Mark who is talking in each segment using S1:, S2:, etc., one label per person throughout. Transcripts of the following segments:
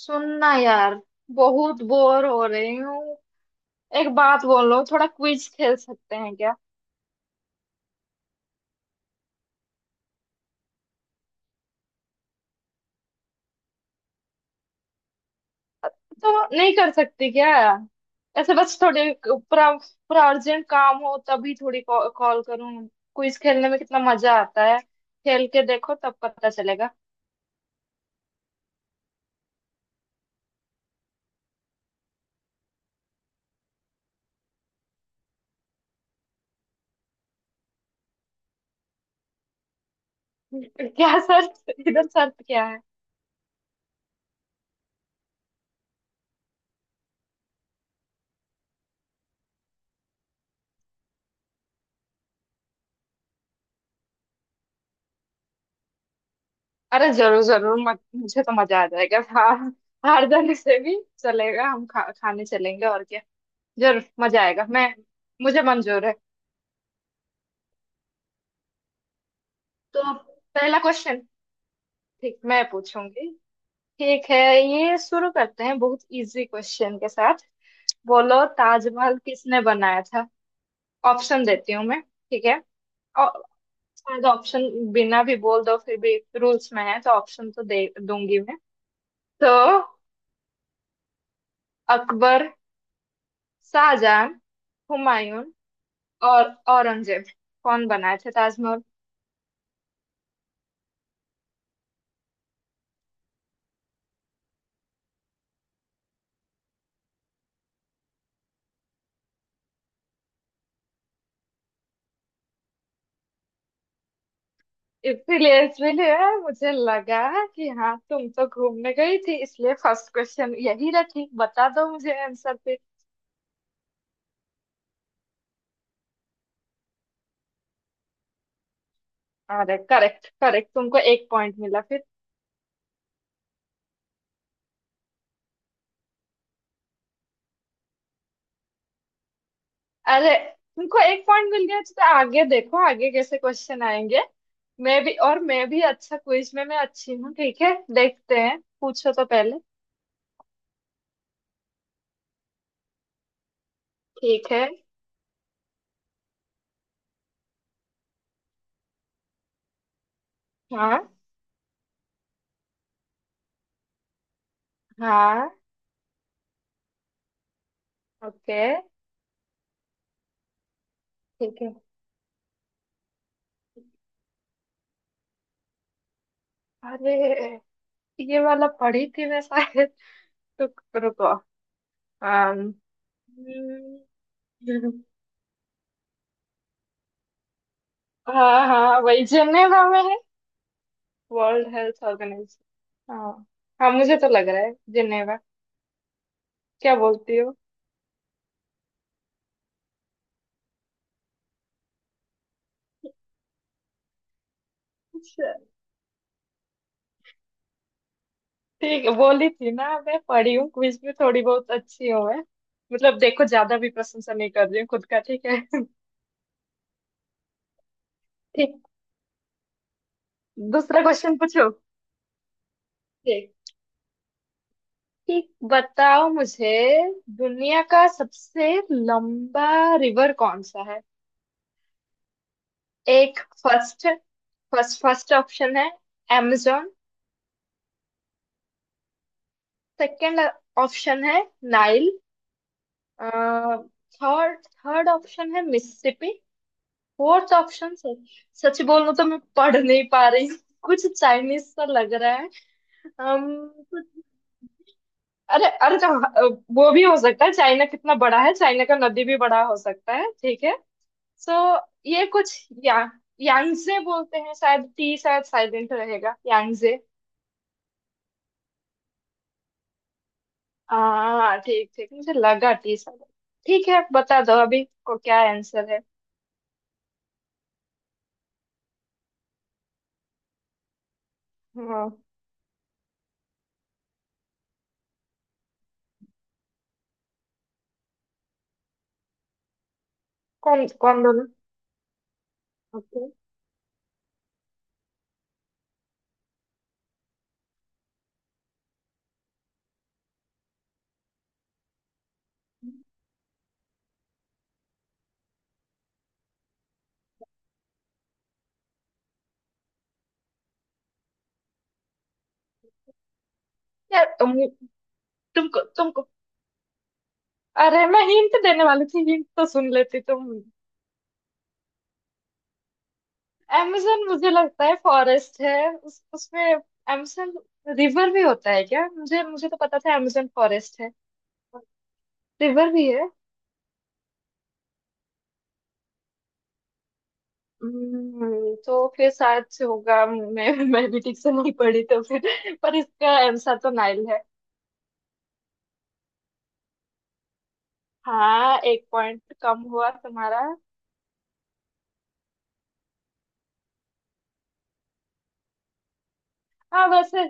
S1: सुनना यार, बहुत बोर हो रही हूँ। एक बात बोलो, थोड़ा क्विज खेल सकते हैं क्या? तो नहीं कर सकती क्या? ऐसे बस थोड़े पूरा पूरा अर्जेंट काम हो तभी थोड़ी कॉल करूँ। क्विज खेलने में कितना मजा आता है, खेल के देखो तब पता चलेगा। क्या शर्त, इधर शर्त क्या है? अरे जरूर जरूर, मत, मुझे तो मजा आ जाएगा। हार हार जाने से भी चलेगा, हम खाने चलेंगे और क्या। जरूर मजा आएगा। मैं मुझे मंजूर है। तो अब पहला क्वेश्चन। ठीक, मैं पूछूंगी। ठीक है। ये शुरू करते हैं बहुत इजी क्वेश्चन के साथ। बोलो, ताजमहल किसने बनाया था? ऑप्शन देती हूँ मैं, ठीक है। और शायद ऑप्शन बिना भी बोल दो, फिर भी रूल्स में है तो ऑप्शन तो दे दूंगी मैं। तो अकबर, शाहजहां, हुमायूं और औरंगजेब, कौन बनाए थे ताजमहल? इसीलिए इसीलिए मुझे लगा कि हाँ, तुम तो घूमने गई थी, इसलिए फर्स्ट क्वेश्चन यही रखी। बता दो मुझे आंसर फिर। अरे, करेक्ट करेक्ट, तुमको एक पॉइंट मिला फिर। अरे, तुमको एक पॉइंट मिल गया तो आगे देखो, आगे कैसे क्वेश्चन आएंगे। मैं भी अच्छा, क्विज में मैं अच्छी हूँ, ठीक है, देखते हैं, पूछो तो पहले। ठीक है। हाँ हाँ। ओके। ठीक है। अरे, ये वाला पढ़ी थी मैं शायद। तो रुको। um, हम्म, हाँ हाँ, वही जिनेवा में है, वर्ल्ड हेल्थ ऑर्गेनाइजेशन, हाँ। हाँ, मुझे तो लग रहा है जिनेवा। क्या बोलती हो? अच्छा। ठीक है, बोली थी ना, मैं पढ़ी हूँ, क्विज में थोड़ी बहुत अच्छी हूँ मैं। मतलब देखो, ज्यादा भी प्रशंसा नहीं कर रही हूँ खुद का, ठीक है। ठीक, दूसरा क्वेश्चन पूछो। ठीक ठीक, बताओ मुझे। दुनिया का सबसे लंबा रिवर कौन सा है? एक फर्स्ट फर्स्ट फर्स्ट ऑप्शन है amazon। सेकंड ऑप्शन है नाइल। थर्ड थर्ड ऑप्शन है मिसिसिपी। फोर्थ ऑप्शन से, सच बोलूं तो मैं पढ़ नहीं पा रही हूँ। कुछ चाइनीज सा लग रहा है। अम्म, कुछ- अरे अरे, तो वो भी हो सकता है, चाइना कितना बड़ा है, चाइना का नदी भी बड़ा हो सकता है, ठीक है। सो ये कुछ या यांगजे बोलते हैं, शायद टी शायद साइलेंट रहेगा, यांगजे। हाँ, ठीक ठीक, मुझे लगा टी साइलेंट। ठीक है, बता दो अभी को क्या आंसर है। हाँ, कौन कौन? दोनों? ओके। यार, तुम- तुमको तुमको अरे, मैं हिंट देने वाली थी, हिंट तो सुन लेती तुम। amazon मुझे लगता है फॉरेस्ट है उस उसमें। amazon रिवर भी होता है क्या? मुझे मुझे तो पता था amazon फॉरेस्ट है। रिवर भी है। तो फिर शायद से होगा, मैं भी ठीक से नहीं पढ़ी, तो फिर पर इसका आंसर तो नाइल है। हाँ, एक पॉइंट कम हुआ तुम्हारा। हाँ वैसे।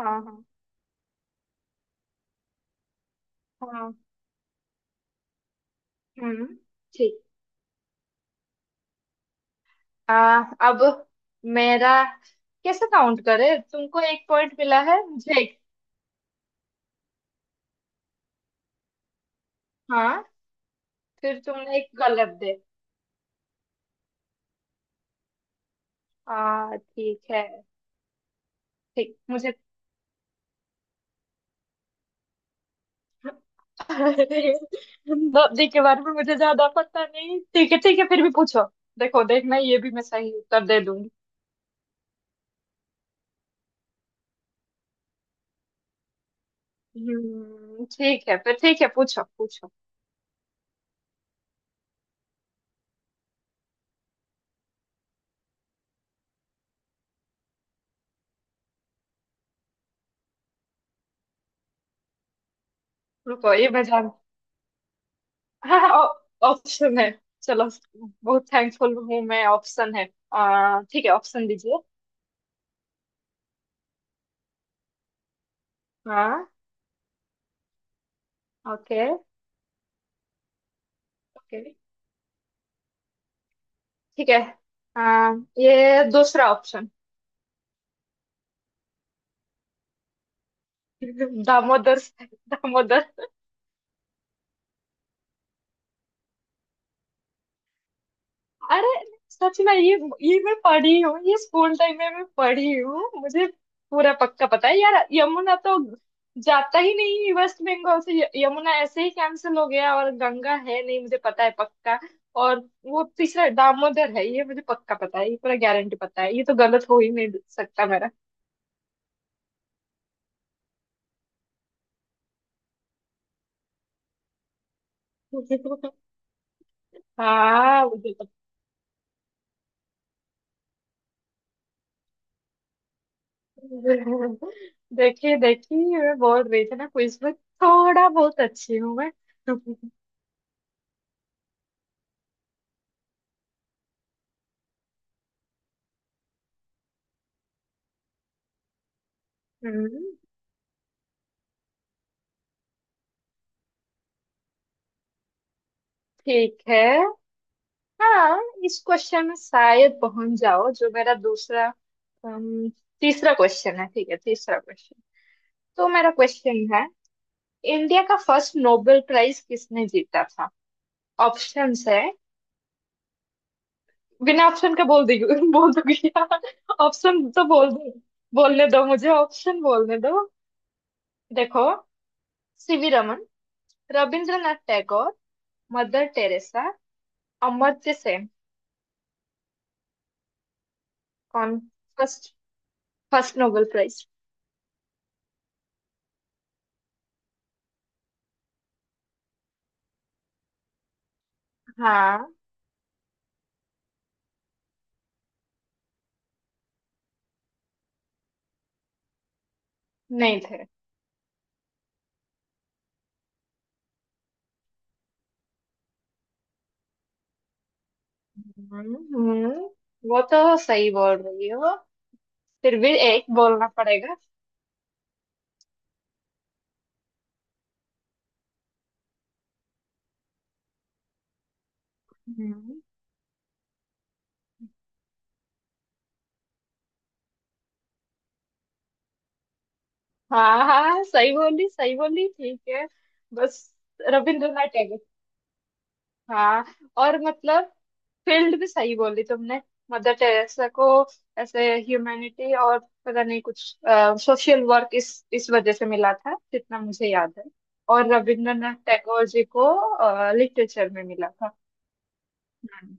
S1: हाँ हाँ। हाँ, हम्म, ठीक। अब मेरा कैसे काउंट करे? तुमको एक पॉइंट मिला है, मुझे एक। हाँ, फिर तुमने एक गलत दे। आ ठीक है। ठीक, मुझे। दो के बारे में मुझे ज्यादा पता नहीं, ठीक है ठीक है, फिर भी पूछो। देखो देखना, ये भी मैं सही उत्तर दे दूंगी। हम्म, ठीक है फिर, ठीक है, पूछो पूछो। रुको, ये मैं जान। हाँ, ऑप्शन है। चलो, बहुत थैंकफुल हूँ मैं, ऑप्शन है। आ ठीक है, ऑप्शन दीजिए। हाँ। ओके। ओके। ठीक है। आ, ये दूसरा ऑप्शन। दामोदर, दामोदर। अरे, सच में ये मैं पढ़ी हूँ, ये स्कूल टाइम में मैं पढ़ी हूँ। मुझे पूरा पक्का पता है यार। यमुना तो जाता ही नहीं वेस्ट बंगाल से, यमुना ऐसे ही कैंसिल हो गया। और गंगा है नहीं, मुझे पता है पक्का। और वो तीसरा दामोदर है, ये मुझे पक्का पता है, ये पूरा गारंटी पता है, ये तो गलत हो ही नहीं सकता मेरा। हाँ, मुझे तो देखिए देखिए, मैं बोल रही थी ना, क्विज में थोड़ा बहुत अच्छी हूँ मैं। हम्म, ठीक है। हाँ। इस क्वेश्चन में शायद पहुंच जाओ, जो मेरा दूसरा, अम, तीसरा क्वेश्चन है, ठीक है, तीसरा क्वेश्चन। तो मेरा क्वेश्चन है, इंडिया का फर्स्ट नोबेल प्राइज किसने जीता था? ऑप्शंस है। बिना ऑप्शन के बोल दी। बोल दूंगी। ऑप्शन तो बोल दो। बोलने दो मुझे, ऑप्शन बोलने दो। देखो, C V Raman, Rabindranath Tagore, Mother Teresa, Amartya Sen. कौन? First first Nobel prize? हाँ। नहीं थे। हम्म। वो तो सही बोल रही हो। फिर भी एक बोलना पड़ेगा। हम्म। हाँ हाँ, सही बोली सही बोली, ठीक है, बस। रविंद्रनाथ टैगोर, हाँ, और मतलब फील्ड भी सही बोली तुमने। मदर टेरेसा को ऐसे ह्यूमैनिटी और पता नहीं कुछ सोशल वर्क, इस वजह से मिला था जितना मुझे याद है। और रविंद्रनाथ टैगोर जी को लिटरेचर में मिला था। हम्म।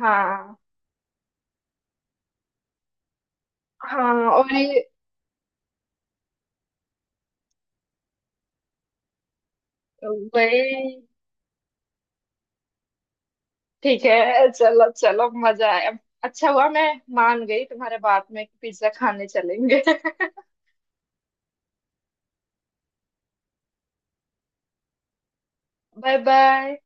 S1: हाँ हाँ, और ये वही। ठीक है, चलो चलो, मजा आया। अच्छा हुआ मैं मान गई तुम्हारे बात में कि पिज्जा खाने चलेंगे। Bye bye.